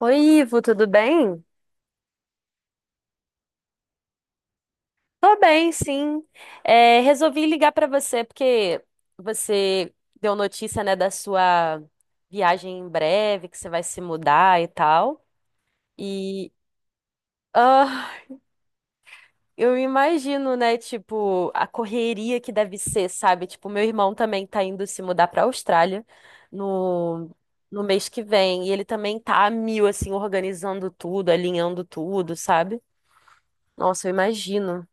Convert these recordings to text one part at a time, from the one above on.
Oi, Ivo, tudo bem? Tô bem, sim. É, resolvi ligar pra você porque você deu notícia, né, da sua viagem em breve, que você vai se mudar e tal. E ah, eu imagino, né, tipo, a correria que deve ser, sabe? Tipo, meu irmão também tá indo se mudar pra Austrália no, no mês que vem. E ele também tá a mil, assim, organizando tudo, alinhando tudo, sabe? Nossa, eu imagino.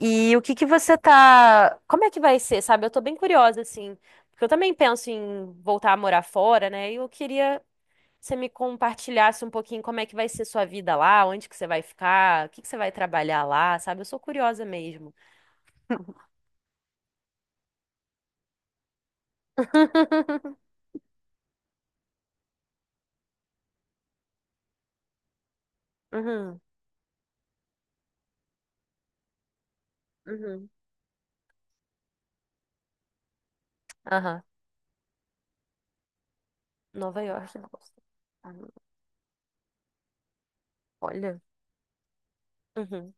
E o que que você tá. Como é que vai ser, sabe? Eu tô bem curiosa, assim. Porque eu também penso em voltar a morar fora, né? E eu queria que você me compartilhasse um pouquinho como é que vai ser sua vida lá, onde que você vai ficar, o que que você vai trabalhar lá, sabe? Eu sou curiosa mesmo. Uhum, uhum, aham. Nova York, eu. Uhum. Olha. Uhum,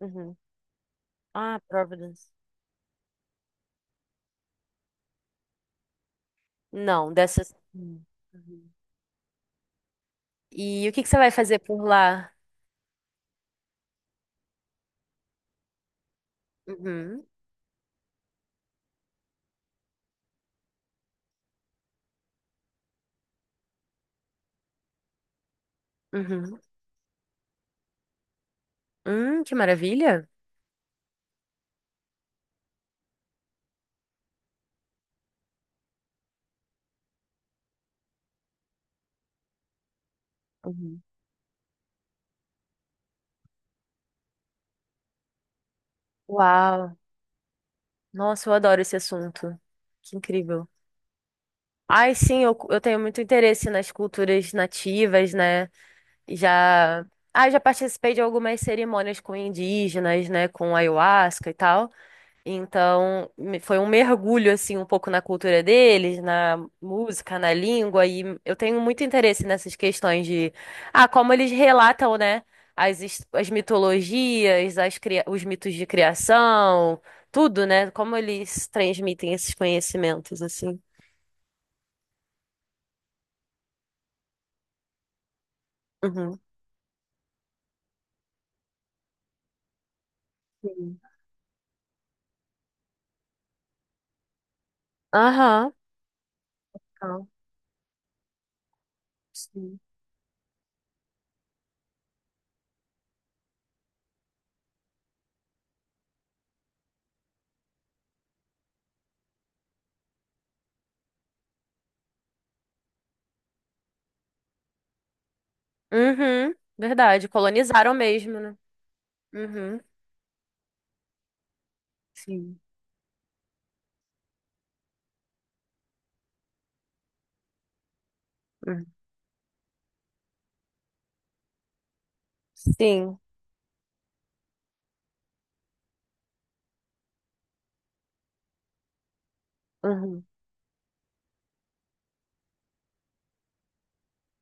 uhum. Ah, Providence. Não, dessas. Uhum. E o que que você vai fazer por lá? Uhum, uhum. Que maravilha! Uhum. Uau! Nossa, eu adoro esse assunto. Que incrível. Ai, sim, eu tenho muito interesse nas culturas nativas, né? Já, já participei de algumas cerimônias com indígenas, né? Com ayahuasca e tal. Então, foi um mergulho assim um pouco na cultura deles, na música, na língua e eu tenho muito interesse nessas questões de como eles relatam, né, as mitologias, os mitos de criação, tudo, né? Como eles transmitem esses conhecimentos assim. Uhum. Sim. Aham. Então, sim. Uhum. Verdade, colonizaram mesmo, né? Uhum. Sim. Uhum. Sim. Uhum.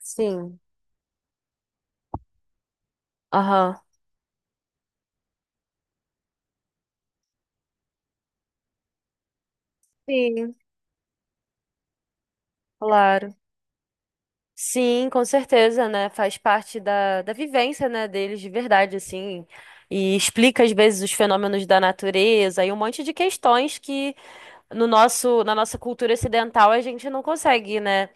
Sim. Aham. Sim, claro. Sim, com certeza, né? Faz parte da vivência, né, deles de verdade, assim. E explica, às vezes, os fenômenos da natureza e um monte de questões que no nosso, na nossa cultura ocidental a gente não consegue, né,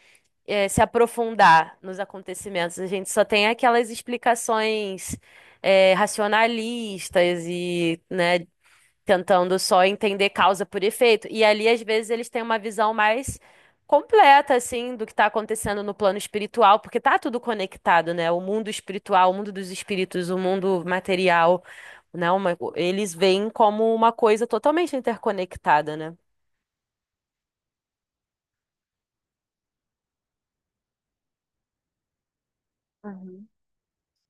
se aprofundar nos acontecimentos. A gente só tem aquelas explicações, racionalistas e, né, tentando só entender causa por efeito. E ali, às vezes, eles têm uma visão mais completa, assim, do que está acontecendo no plano espiritual, porque tá tudo conectado, né? O mundo espiritual, o mundo dos espíritos, o mundo material, né? Eles veem como uma coisa totalmente interconectada, né? Uhum.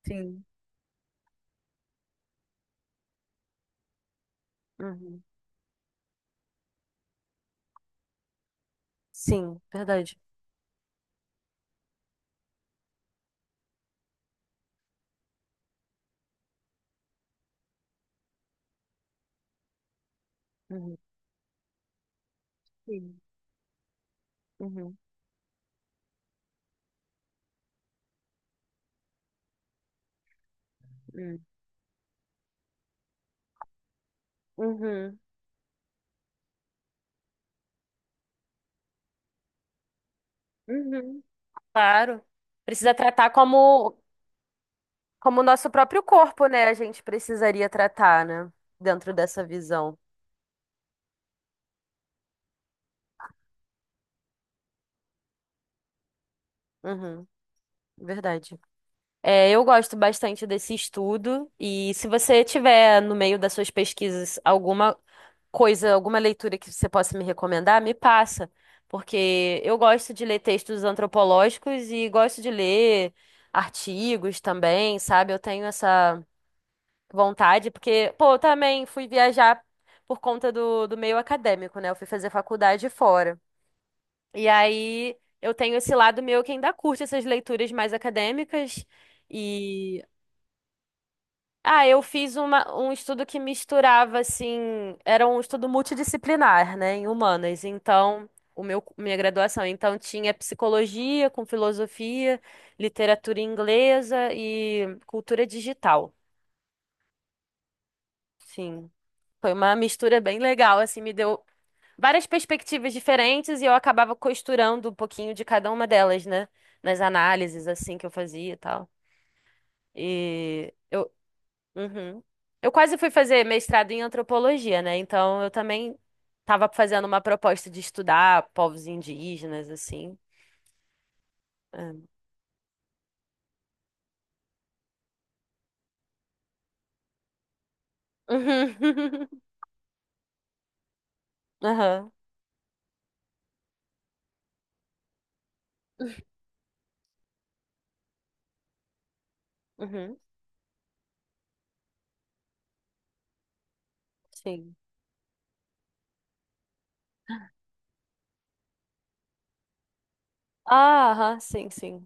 Sim. Uhum. Sim, verdade. Uhum. Sim. Uhum, uhum, uhum, uhum. Claro. Precisa tratar como. Como o nosso próprio corpo, né? A gente precisaria tratar, né? Dentro dessa visão. Uhum, verdade. É, eu gosto bastante desse estudo e se você tiver no meio das suas pesquisas alguma coisa, alguma leitura que você possa me recomendar, me passa, porque eu gosto de ler textos antropológicos e gosto de ler artigos também, sabe? Eu tenho essa vontade, porque, pô, eu também fui viajar por conta do meio acadêmico, né? Eu fui fazer faculdade fora. E aí eu tenho esse lado meu que ainda curte essas leituras mais acadêmicas. E. Ah, eu fiz uma, um estudo que misturava, assim. Era um estudo multidisciplinar, né? Em humanas. Então. O meu, minha graduação. Então, tinha psicologia com filosofia, literatura inglesa e cultura digital. Sim. Foi uma mistura bem legal, assim, me deu várias perspectivas diferentes e eu acabava costurando um pouquinho de cada uma delas, né? Nas análises, assim, que eu fazia e tal. E eu, uhum. Eu quase fui fazer mestrado em antropologia, né? Então eu também tava fazendo uma proposta de estudar povos indígenas, assim. É. Uhum. Aham. Uhum. Sim. Ah, aham, sim, sim.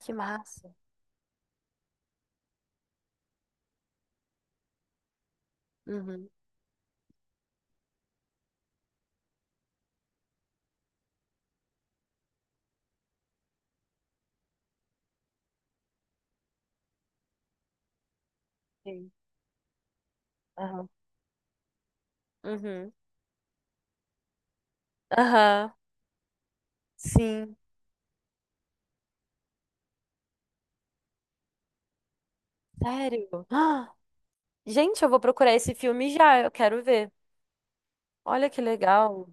Que massa. Uhum. Sim. Aham. Uhum. Aham. Sim, sério? Ah, gente, eu vou procurar esse filme já, eu quero ver. Olha que legal.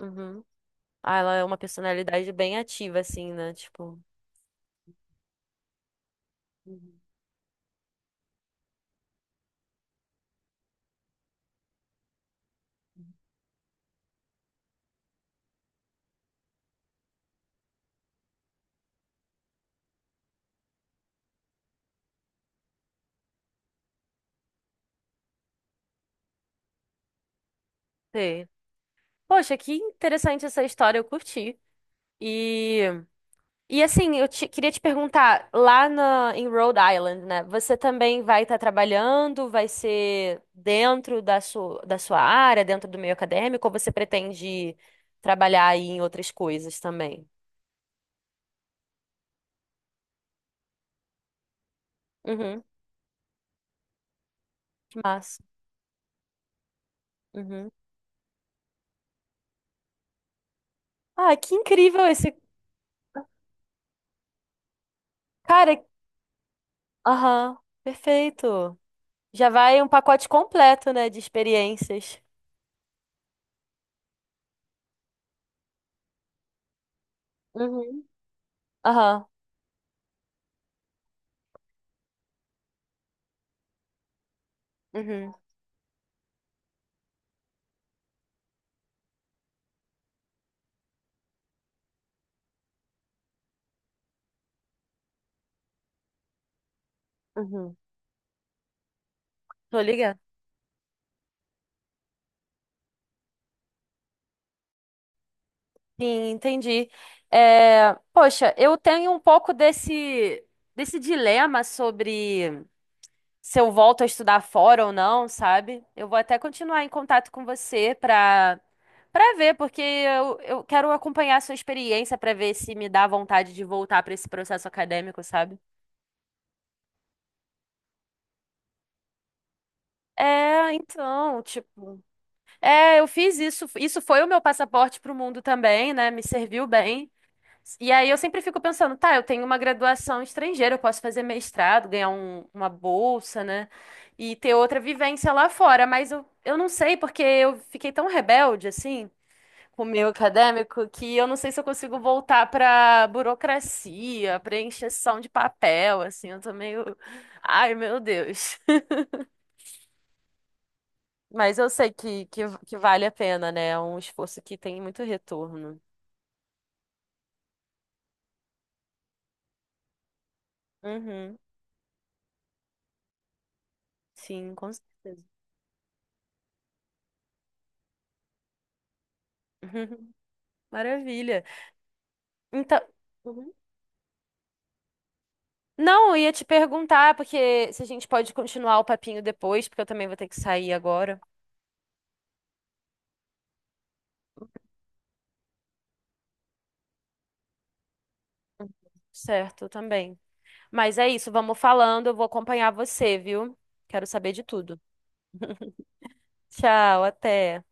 Uhum. Ah, ela é uma personalidade bem ativa, assim, né? Tipo, uhum. Sei. Poxa, que interessante essa história, eu curti. E, e assim, eu queria te perguntar, lá na, em Rhode Island, né? Você também vai estar trabalhando, vai ser dentro da sua área, dentro do meio acadêmico, ou você pretende trabalhar aí em outras coisas também? Uhum, que massa. Uhum. Ah, que incrível esse cara. Aham, perfeito. Já vai um pacote completo, né, de experiências. Uhum. Aham, uhum, uhum. Tô ligada. Sim, entendi. É, poxa, eu tenho um pouco desse, desse dilema sobre se eu volto a estudar fora ou não, sabe? Eu vou até continuar em contato com você pra para ver, porque eu quero acompanhar a sua experiência pra ver se me dá vontade de voltar pra esse processo acadêmico, sabe? É, então, tipo, é, eu fiz isso, isso foi o meu passaporte pro mundo também, né? Me serviu bem. E aí eu sempre fico pensando, tá, eu tenho uma graduação estrangeira, eu posso fazer mestrado, ganhar uma bolsa, né? E ter outra vivência lá fora, mas eu não sei, porque eu fiquei tão rebelde, assim, com o meu acadêmico, que eu não sei se eu consigo voltar pra burocracia, pra encheção de papel, assim, eu tô meio... Ai, meu Deus. Mas eu sei que vale a pena, né? É um esforço que tem muito retorno. Uhum, sim, com certeza. Maravilha. Então. Uhum. Não, eu ia te perguntar, porque se a gente pode continuar o papinho depois, porque eu também vou ter que sair agora. Certo, eu também. Mas é isso, vamos falando, eu vou acompanhar você, viu? Quero saber de tudo. Tchau, até.